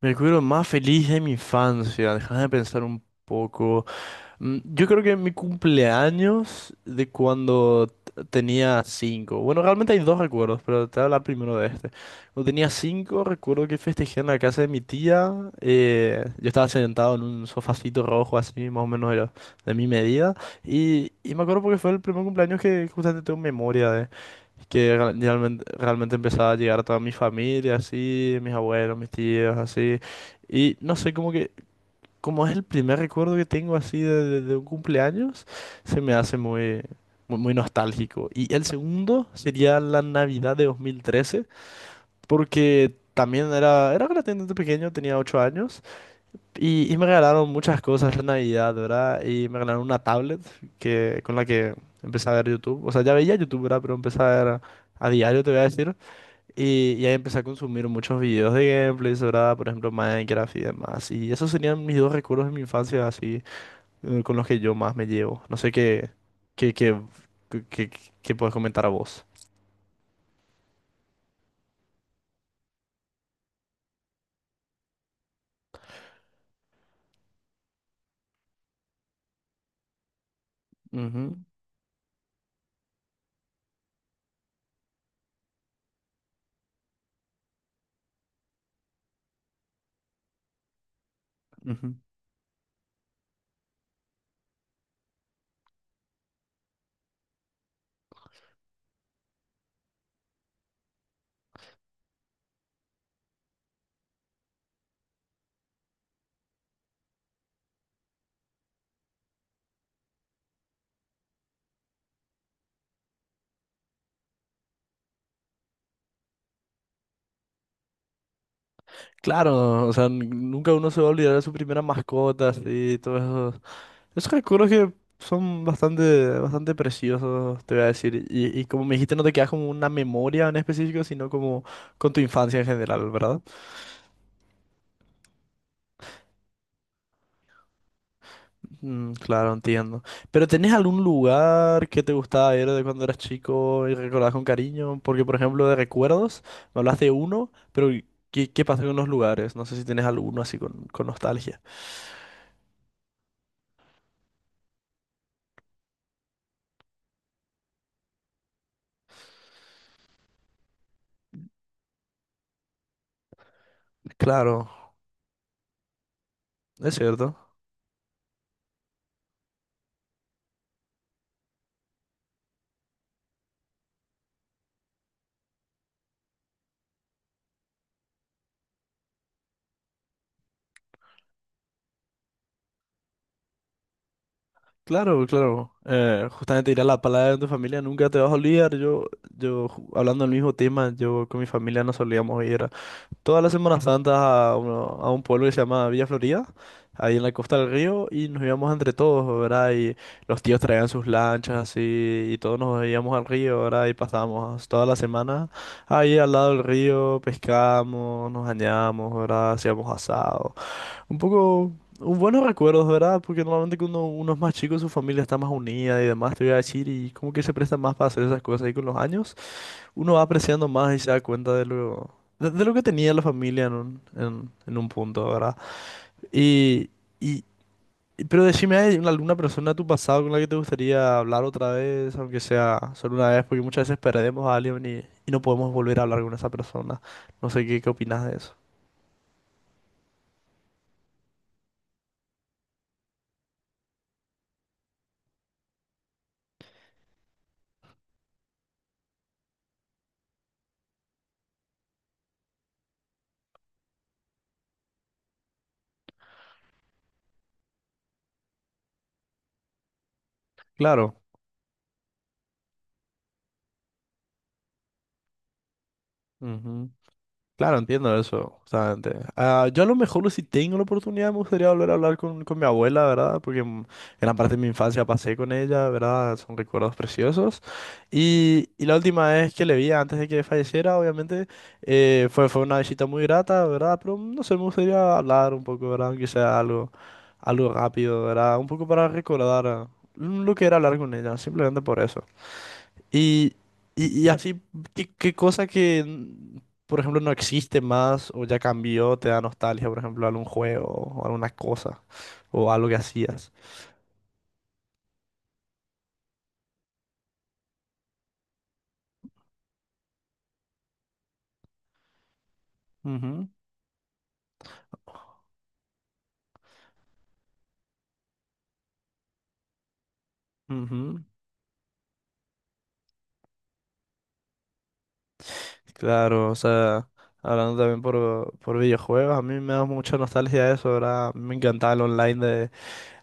Mi recuerdo más feliz de mi infancia, déjame pensar un poco. Yo creo que mi cumpleaños de cuando tenía cinco. Bueno, realmente hay dos recuerdos, pero te voy a hablar primero de este. Cuando tenía cinco, recuerdo que festejé en la casa de mi tía. Yo estaba sentado en un sofacito rojo, así más o menos era de mi medida. Y me acuerdo porque fue el primer cumpleaños que justamente tengo memoria que realmente empezaba a llegar a toda mi familia, así, mis abuelos, mis tíos, así. Y no sé, como que, como es el primer recuerdo que tengo así de un cumpleaños, se me hace muy, muy, muy nostálgico. Y el segundo sería la Navidad de 2013, porque también era relativamente pequeño, tenía 8 años, y me regalaron muchas cosas en Navidad, ¿verdad? Y me regalaron una tablet con la que empecé a ver YouTube. O sea, ya veía YouTube, ¿verdad? Pero empecé a ver. A diario te voy a decir. Y ahí empecé a consumir muchos videos de gameplays, ¿verdad? Por ejemplo, Minecraft y demás. Y esos serían mis dos recuerdos de mi infancia, así, con los que yo más me llevo. No sé qué, qué, qué, qué- qué puedes comentar a vos. Ujú, ujú. Claro, o sea, nunca uno se va a olvidar de su primera mascota, y todos esos, esos recuerdos que son bastante, bastante preciosos, te voy a decir. Y como me dijiste, no te quedas como una memoria en específico, sino como con tu infancia en general, ¿verdad? Mm, claro, entiendo. ¿Pero tenés algún lugar que te gustaba ir de cuando eras chico y recordás con cariño? Porque, por ejemplo, de recuerdos, me hablaste de uno, pero ¿qué pasa con los lugares? No sé si tenés alguno así con nostalgia. Claro, es cierto. Claro, claro. Justamente ir a la palabra de tu familia nunca te vas a olvidar. Hablando del mismo tema, yo con mi familia no solíamos ir. Toda la Semana Santa a un pueblo que se llama Villa Florida, ahí en la costa del río, y nos íbamos entre todos, ¿verdad? Y los tíos traían sus lanchas así, y todos nos íbamos al río, ¿verdad? Y pasábamos toda la semana ahí al lado del río, pescamos, nos bañamos, ¿verdad? Hacíamos asado. Un poco. Un buenos recuerdos, ¿verdad? Porque normalmente cuando uno es más chico, su familia está más unida y demás, te voy a decir, y como que se presta más para hacer esas cosas ahí con los años uno va apreciando más y se da cuenta de lo que tenía la familia en un punto, ¿verdad? Y, y, pero decime, ¿hay alguna persona de tu pasado con la que te gustaría hablar otra vez, aunque sea solo una vez? Porque muchas veces perdemos a alguien y no podemos volver a hablar con esa persona. No sé qué opinas de eso. Claro. Claro, entiendo eso, justamente. Ah, yo a lo mejor si tengo la oportunidad me gustaría volver a hablar con mi abuela, ¿verdad? Porque gran parte de mi infancia pasé con ella, ¿verdad? Son recuerdos preciosos. Y la última vez que le vi antes de que falleciera, obviamente, fue una visita muy grata, ¿verdad? Pero no sé, me gustaría hablar un poco, ¿verdad? Aunque sea algo rápido, ¿verdad? Un poco para recordar lo que era hablar con ella, simplemente por eso. Y, y así, ¿qué cosa por ejemplo, no existe más o ya cambió, te da nostalgia, por ejemplo, algún juego o alguna cosa o algo que hacías? Ujú, ujú. Claro, o sea, hablando también por videojuegos, a mí me da mucha nostalgia eso, ¿verdad? Me encantaba el online de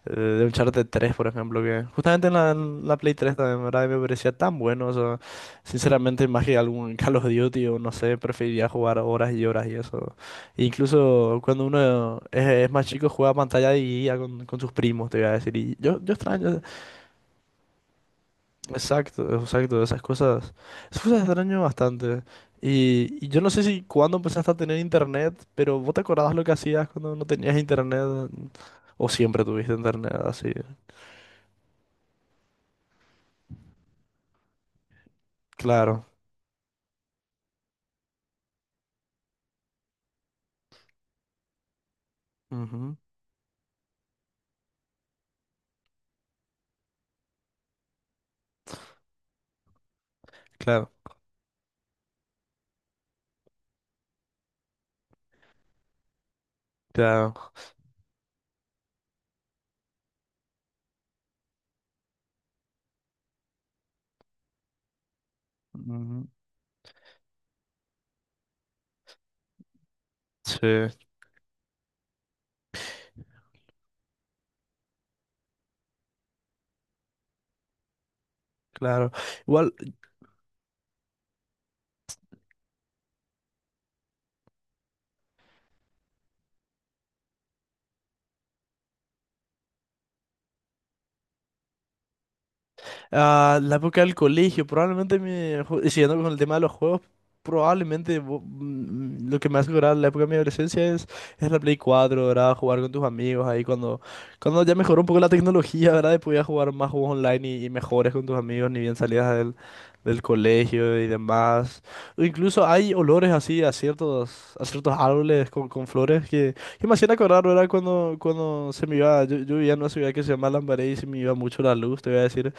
eh, de Uncharted 3 por ejemplo, que justamente en la Play 3 también, ¿verdad? Y me parecía tan bueno, o sea, sinceramente, más que algún Call of Duty o no sé, preferiría jugar horas y horas y eso. E incluso cuando uno es más chico, juega a pantalla dividida con sus primos, te voy a decir. Y yo extraño, exacto, exacto, esas cosas extraño bastante. Y yo no sé si cuándo empezaste a tener internet, pero ¿vos te acordabas lo que hacías cuando no tenías internet? ¿O siempre tuviste internet así? Claro. Claro, claro. Ujú. Sí, claro. Igual, ah, la época del colegio, probablemente siguiendo con el tema de los juegos, probablemente lo que me hace acordar la época de mi adolescencia es la Play 4, ¿verdad? Jugar con tus amigos ahí cuando ya mejoró un poco la tecnología, ¿verdad? Y podías jugar más juegos online y mejores con tus amigos, ni bien salías del colegio y demás. O incluso hay olores así a ciertos árboles con flores que me hacían acordar, ¿verdad? Cuando se me iba, yo vivía en una ciudad que se llama Lambaré y se me iba mucho la luz, te voy a decir.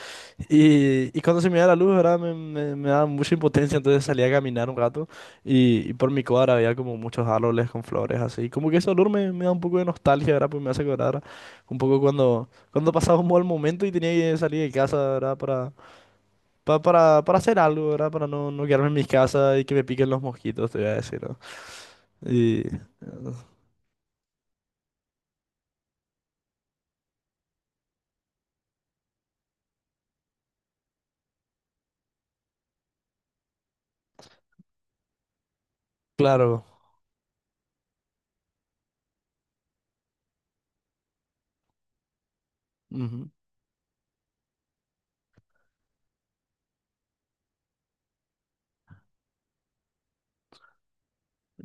Y cuando se me iba la luz, ¿verdad? Me daba mucha impotencia, entonces salía a caminar un rato y por mi cuadra había como muchos árboles con flores así. Como que ese olor me da un poco de nostalgia, ¿verdad? Pues me hace acordar un poco cuando pasaba un mal momento y tenía que salir de casa, ¿verdad? Para hacer algo, ¿verdad? Para no quedarme en mi casa y que me piquen los mosquitos, te voy a decir, ¿no? Y claro, ujú,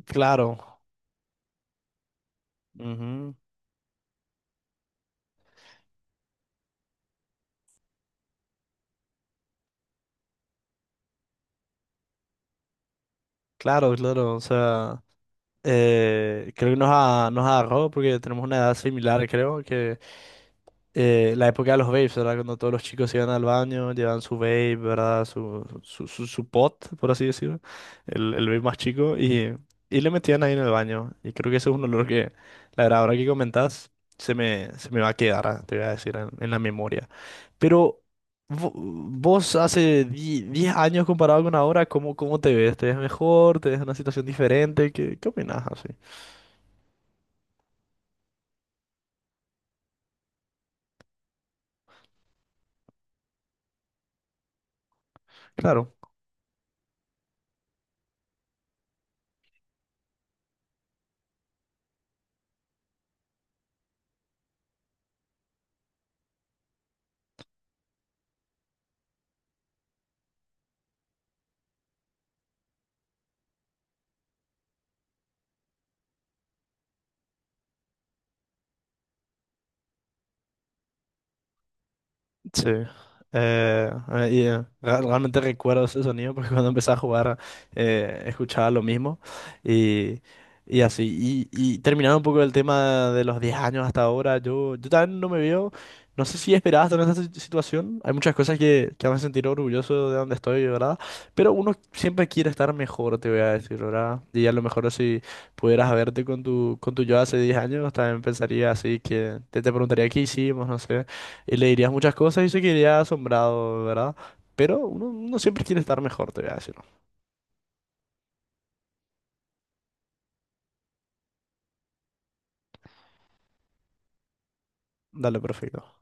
claro, ujú, claro, claro, o sea. Creo que nos agarró porque tenemos una edad similar, creo, que la época de los vapes, ¿verdad? Cuando todos los chicos iban al baño, llevaban su vape, ¿verdad? Su pot, por así decirlo, el vape más chico, y le metían ahí en el baño. Y creo que ese es un olor que, la verdad, ahora que comentás, se me va a quedar, te voy a decir, en la memoria. Pero. vo- Vos hace 10 años comparado con ahora, ¿cómo te ves? ¿Te ves mejor? ¿Te ves en una situación diferente? ¿Qué opinás así? Claro, sí. Realmente recuerdo ese sonido porque cuando empecé a jugar escuchaba lo mismo y, y así. Y terminando un poco el tema de los 10 años hasta ahora, yo también no me veo, no sé si esperaba estar en esta situación. Hay muchas cosas que me hacen sentir orgulloso de donde estoy, ¿verdad? Pero uno siempre quiere estar mejor, te voy a decir, ¿verdad? Y a lo mejor si pudieras verte con tu yo hace 10 años, también pensaría así que te preguntaría qué hicimos, no sé. Y le dirías muchas cosas y se quedaría asombrado, ¿verdad? Pero uno siempre quiere estar mejor, te voy a decir. ¿No? Dale, perfecto.